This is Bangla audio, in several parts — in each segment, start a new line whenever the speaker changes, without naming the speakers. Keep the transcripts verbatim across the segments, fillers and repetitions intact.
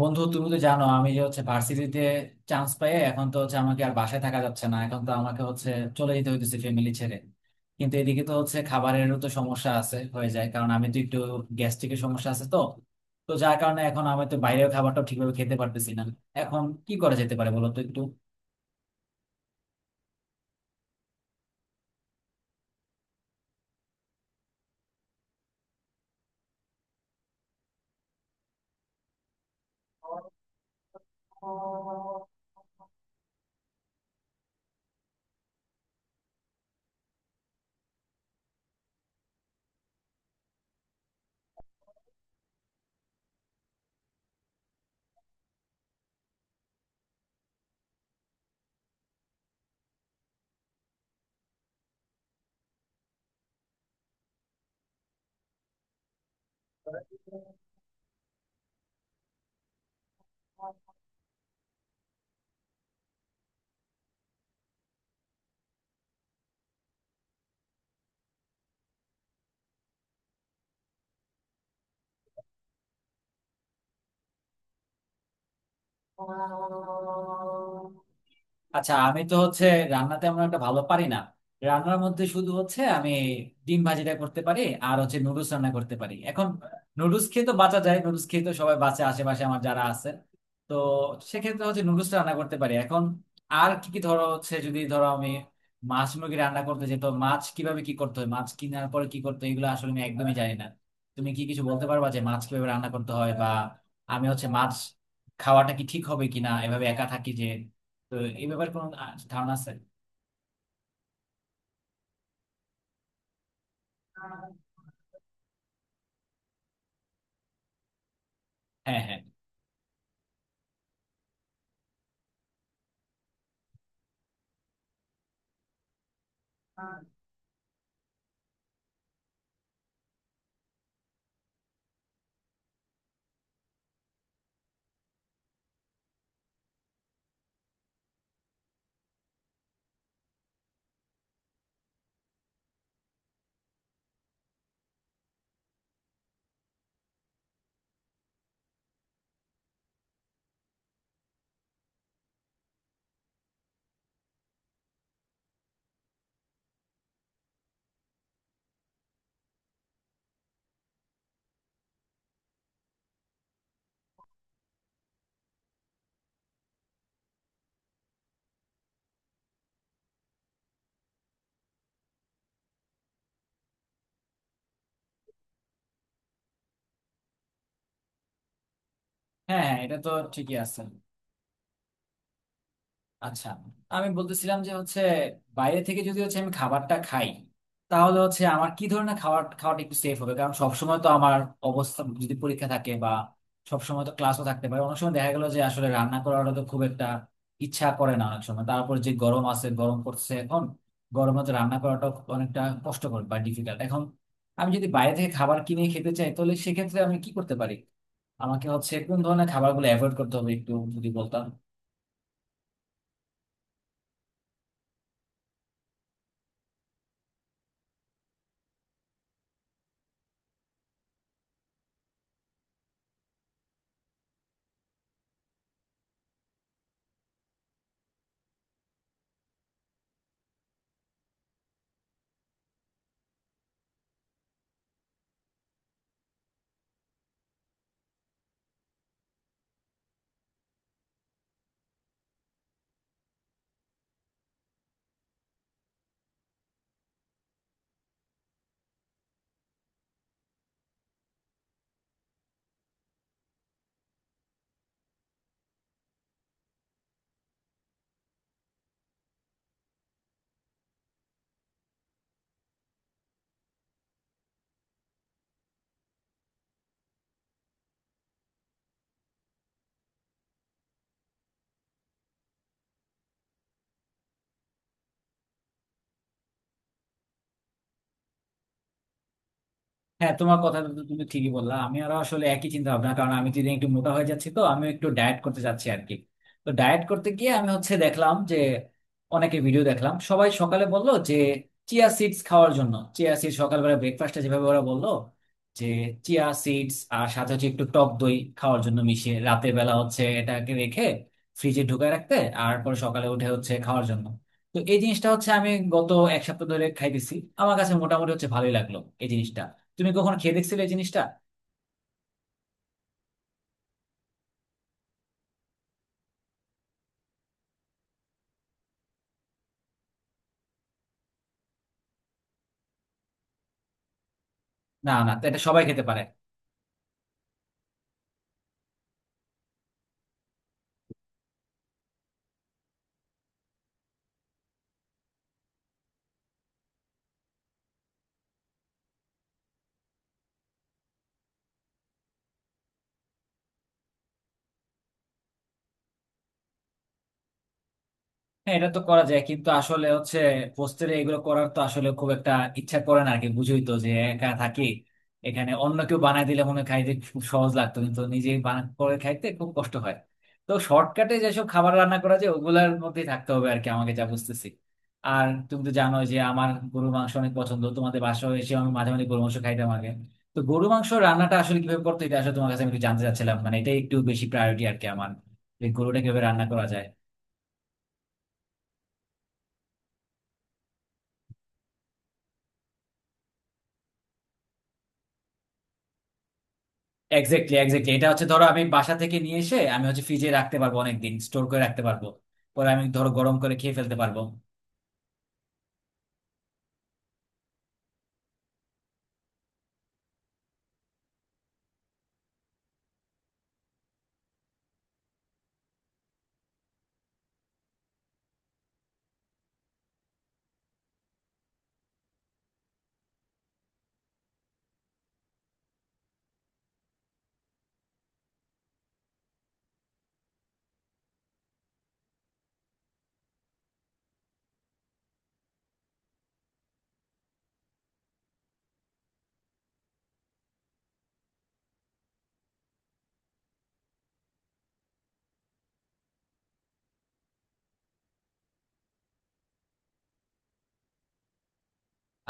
বন্ধু, তুমি তো জানো আমি যে হচ্ছে ভার্সিটিতে চান্স পাই, এখন তো হচ্ছে আমাকে আর বাসায় থাকা যাচ্ছে না, এখন তো আমাকে হচ্ছে চলে যেতে হইতেছে ফ্যামিলি ছেড়ে। কিন্তু এদিকে তো হচ্ছে খাবারেরও তো সমস্যা আছে হয়ে যায়, কারণ আমি তো একটু গ্যাস্ট্রিকের সমস্যা আছে তো তো যার কারণে এখন আমি তো বাইরের খাবারটা ঠিকভাবে খেতে পারতেছি না। এখন কি করা যেতে পারে, বলো তো একটু। আচ্ছা, আমি তো হচ্ছে রান্না তেমন একটা ভালো পারি না। রান্নার মধ্যে শুধু হচ্ছে আমি ডিম ভাজিটা করতে পারি আর হচ্ছে নুডলস রান্না করতে পারি এখন। নুডলস খেয়ে তো বাঁচা যায়, নুডলস খেয়ে তো সবাই বাঁচে আশেপাশে আমার যারা আছে তো। সেক্ষেত্রে হচ্ছে নুডলস রান্না করতে পারি এখন। আর কি কি, ধরো হচ্ছে যদি ধরো আমি মাছ মুরগি রান্না করতে যেত, মাছ কিভাবে কি করতে হয়, মাছ কেনার পরে কি করতে হয়, এগুলো আসলে আমি একদমই জানি না। তুমি কি কিছু বলতে পারবা যে মাছ কিভাবে রান্না করতে হয়, বা আমি হচ্ছে মাছ খাওয়াটা কি ঠিক হবে কিনা এভাবে একা থাকি যে। তো এই ব্যাপারে কোনো আ- ধারণা আছে? হ্যাঁ, হ্যাঁ। হ্যাঁ, হ্যাঁ, এটা তো ঠিকই আছে। আচ্ছা, আমি বলতেছিলাম যে হচ্ছে বাইরে থেকে যদি হচ্ছে আমি খাবারটা খাই, তাহলে হচ্ছে আমার কি ধরনের খাবার খাওয়াটা একটু সেফ হবে? কারণ সবসময় তো আমার অবস্থা যদি পরীক্ষা থাকে বা সবসময় তো ক্লাসও থাকতে পারে, অনেক সময় দেখা গেল যে আসলে রান্না করাটা তো খুব একটা ইচ্ছা করে না। অনেক সময় তারপর যে গরম আছে, গরম করছে এখন, গরমে তো রান্না করাটা অনেকটা কষ্টকর বা ডিফিকাল্ট। এখন আমি যদি বাইরে থেকে খাবার কিনে খেতে চাই, তাহলে সেক্ষেত্রে আমি কি করতে পারি? আমাকে হচ্ছে কোন ধরনের খাবারগুলো অ্যাভয়েড করতে হবে একটু যদি বলতাম। হ্যাঁ, তোমার কথাটা তো তুমি ঠিকই বললা, আমি আরো আসলে একই চিন্তা ভাবনা। কারণ আমি তো ইদানিং একটু মোটা হয়ে যাচ্ছি, তো আমি একটু ডায়েট করতে চাচ্ছি আর কি। তো ডায়েট করতে গিয়ে আমি হচ্ছে দেখলাম যে অনেকে ভিডিও দেখলাম, সবাই সকালে বললো যে চিয়া সিডস খাওয়ার জন্য। চিয়া সিডস সকালবেলা ব্রেকফাস্টে যেভাবে ওরা বললো যে চিয়া সিডস আর সাথে হচ্ছে একটু টক দই খাওয়ার জন্য মিশিয়ে, রাতের বেলা হচ্ছে এটাকে রেখে ফ্রিজে ঢুকায় রাখতে, আর পরে সকালে উঠে হচ্ছে খাওয়ার জন্য। তো এই জিনিসটা হচ্ছে আমি গত এক সপ্তাহ ধরে খাইতেছি। আমার কাছে মোটামুটি হচ্ছে ভালোই লাগলো এই জিনিসটা। তুমি কখনো খেয়ে দেখছিলে এই জিনিসটা? না, না, তো এটা সবাই খেতে পারে। হ্যাঁ, এটা তো করা যায়, কিন্তু আসলে হচ্ছে হোস্টেলে এগুলো করার তো আসলে খুব একটা ইচ্ছা করে না আর কি, বুঝোই তো যে একা থাকি। এখানে অন্য কেউ বানাই দিলে মনে হয় খাইতে খুব সহজ লাগতো, কিন্তু নিজে বানা করে খাইতে খুব কষ্ট হয়। তো শর্টকাটে যেসব খাবার রান্না করা যায়, ওগুলার মধ্যেই থাকতে হবে আর কি আমাকে, যা বুঝতেছি। আর তুমি তো জানোই যে আমার গরু মাংস অনেক পছন্দ, তোমাদের বাসায় এসে আমি মাঝে মাঝে গরু মাংস খাইতাম আগে। তো গরু মাংস রান্নাটা আসলে কিভাবে করতে, এটা আসলে তোমার কাছে আমি একটু জানতে চাচ্ছিলাম, মানে এটা একটু বেশি প্রায়োরিটি আর কি আমার, যে গরুটা কিভাবে রান্না করা যায়। এক্স্যাক্টলি, এক্স্যাক্টলি, এটা হচ্ছে ধরো আমি বাসা থেকে নিয়ে এসে আমি হচ্ছে ফ্রিজে রাখতে পারবো, অনেক দিন স্টোর করে রাখতে পারবো। পরে আমি ধরো গরম করে খেয়ে ফেলতে পারবো।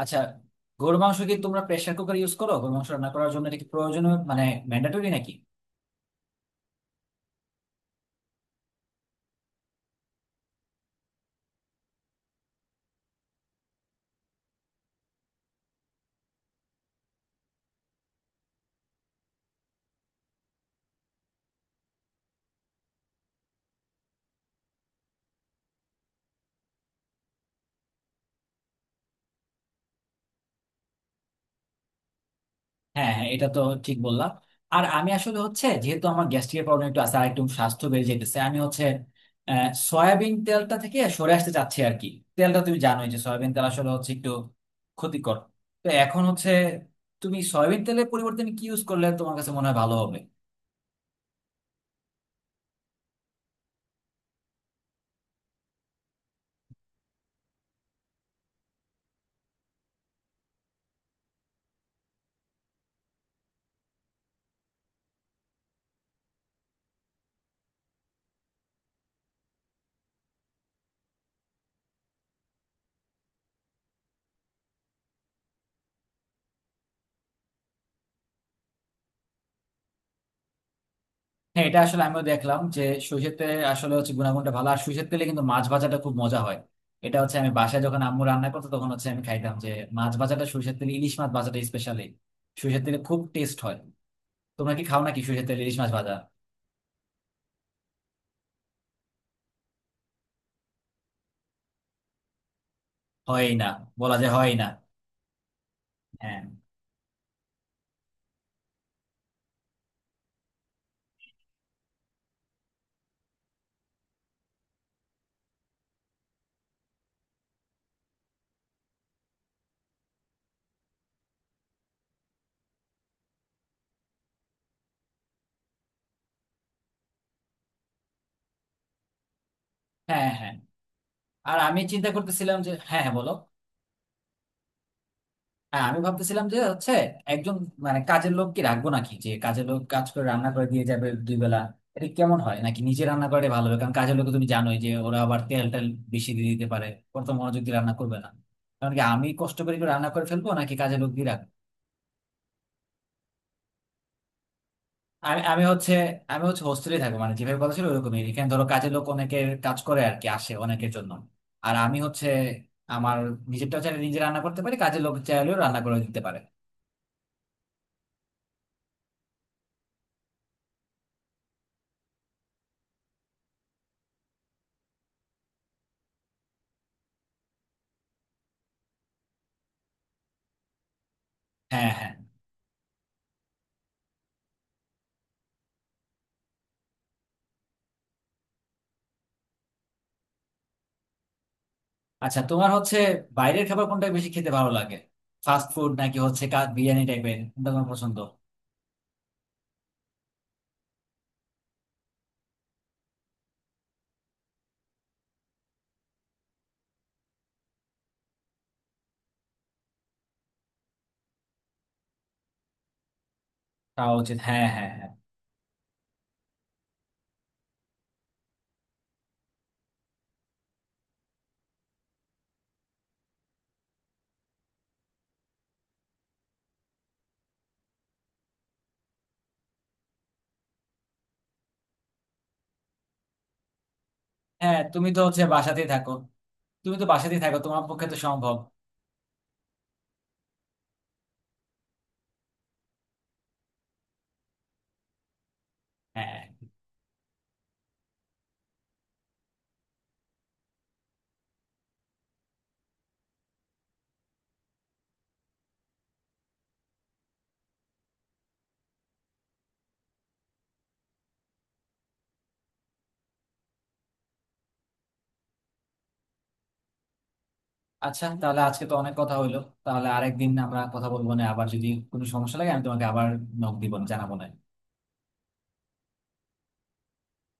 আচ্ছা, গরুর মাংস কি তোমরা প্রেসার কুকার ইউজ করো গরুর মাংস রান্না করার জন্য? এটা কি প্রয়োজনীয়, মানে ম্যান্ডেটরি নাকি? হ্যাঁ, হ্যাঁ, এটা তো ঠিক বললাম। আর আমি আসলে হচ্ছে যেহেতু আমার গ্যাস্ট্রিকের প্রবলেম একটু আছে আর একটু স্বাস্থ্য বেড়ে যেতেছে, আমি হচ্ছে আহ, সয়াবিন তেলটা থেকে সরে আসতে চাচ্ছি আর কি। তেলটা তুমি জানোই যে সয়াবিন তেল আসলে হচ্ছে একটু ক্ষতিকর। তো এখন হচ্ছে তুমি সয়াবিন তেলের পরিবর্তে তুমি কি ইউজ করলে তোমার কাছে মনে হয় ভালো হবে? হ্যাঁ, এটা আসলে আমিও দেখলাম যে সরিষার তেলে আসলে হচ্ছে গুণাগুণটা ভালো, আর সরিষার তেলে কিন্তু মাছ ভাজাটা খুব মজা হয়। এটা হচ্ছে আমি বাসায় যখন আম্মু রান্না করতো তখন হচ্ছে আমি খাইতাম যে মাছ ভাজাটা সরিষার তেলে, ইলিশ মাছ ভাজাটা স্পেশালি সরিষার তেলে খুব টেস্ট হয়। তোমরা কি খাও নাকি সরিষার তেলে ইলিশ মাছ ভাজা? হয় না, বলা যায় হয় না। হ্যাঁ, হ্যাঁ, হ্যাঁ। আর আমি চিন্তা করতেছিলাম যে, হ্যাঁ হ্যাঁ বলো। হ্যাঁ, আমি ভাবতেছিলাম যে হচ্ছে একজন মানে কাজের লোক কি রাখবো নাকি, যে কাজের লোক কাজ করে রান্না করে দিয়ে যাবে দুই বেলা। এটা কেমন হয় নাকি নিজে রান্না করে ভালো হবে? কারণ কাজের লোক তুমি জানোই যে ওরা আবার তেল টেল বেশি দিয়ে দিতে পারে, ওরা তো মনোযোগ দিয়ে রান্না করবে না। কারণ কি আমি কষ্ট করে একটু রান্না করে ফেলবো, নাকি কাজের লোক দিয়ে রাখবো? আমি আমি হচ্ছে, আমি হচ্ছে হোস্টেলে থাকি, মানে যেভাবে কথা ছিল ওরকমই। এখানে ধরো কাজের লোক অনেকের কাজ করে আর কি, আসে অনেকের জন্য। আর আমি হচ্ছে আমার নিজেরটা চাইলে নিজে রান্না করতে পারি, কাজের লোক চাইলেও রান্না করে দিতে পারে। হ্যাঁ, হ্যাঁ। আচ্ছা, তোমার হচ্ছে বাইরের খাবার কোনটা বেশি খেতে ভালো লাগে? ফাস্ট ফুড নাকি হচ্ছে কা- বিরিয়ানি টাইপের, কোনটা তোমার পছন্দ? খাওয়া উচিত, হ্যাঁ, হ্যাঁ, হ্যাঁ। হ্যাঁ, তুমি তো হচ্ছে বাসাতেই থাকো, তুমি তো বাসাতেই থাকো, তোমার পক্ষে তো সম্ভব। হ্যাঁ। আচ্ছা, তাহলে আজকে তো অনেক কথা হইলো। তাহলে আরেকদিন আমরা কথা বলবো না, আবার যদি কোনো সমস্যা লাগে আমি তোমাকে আবার নক দিব, জানাবো না?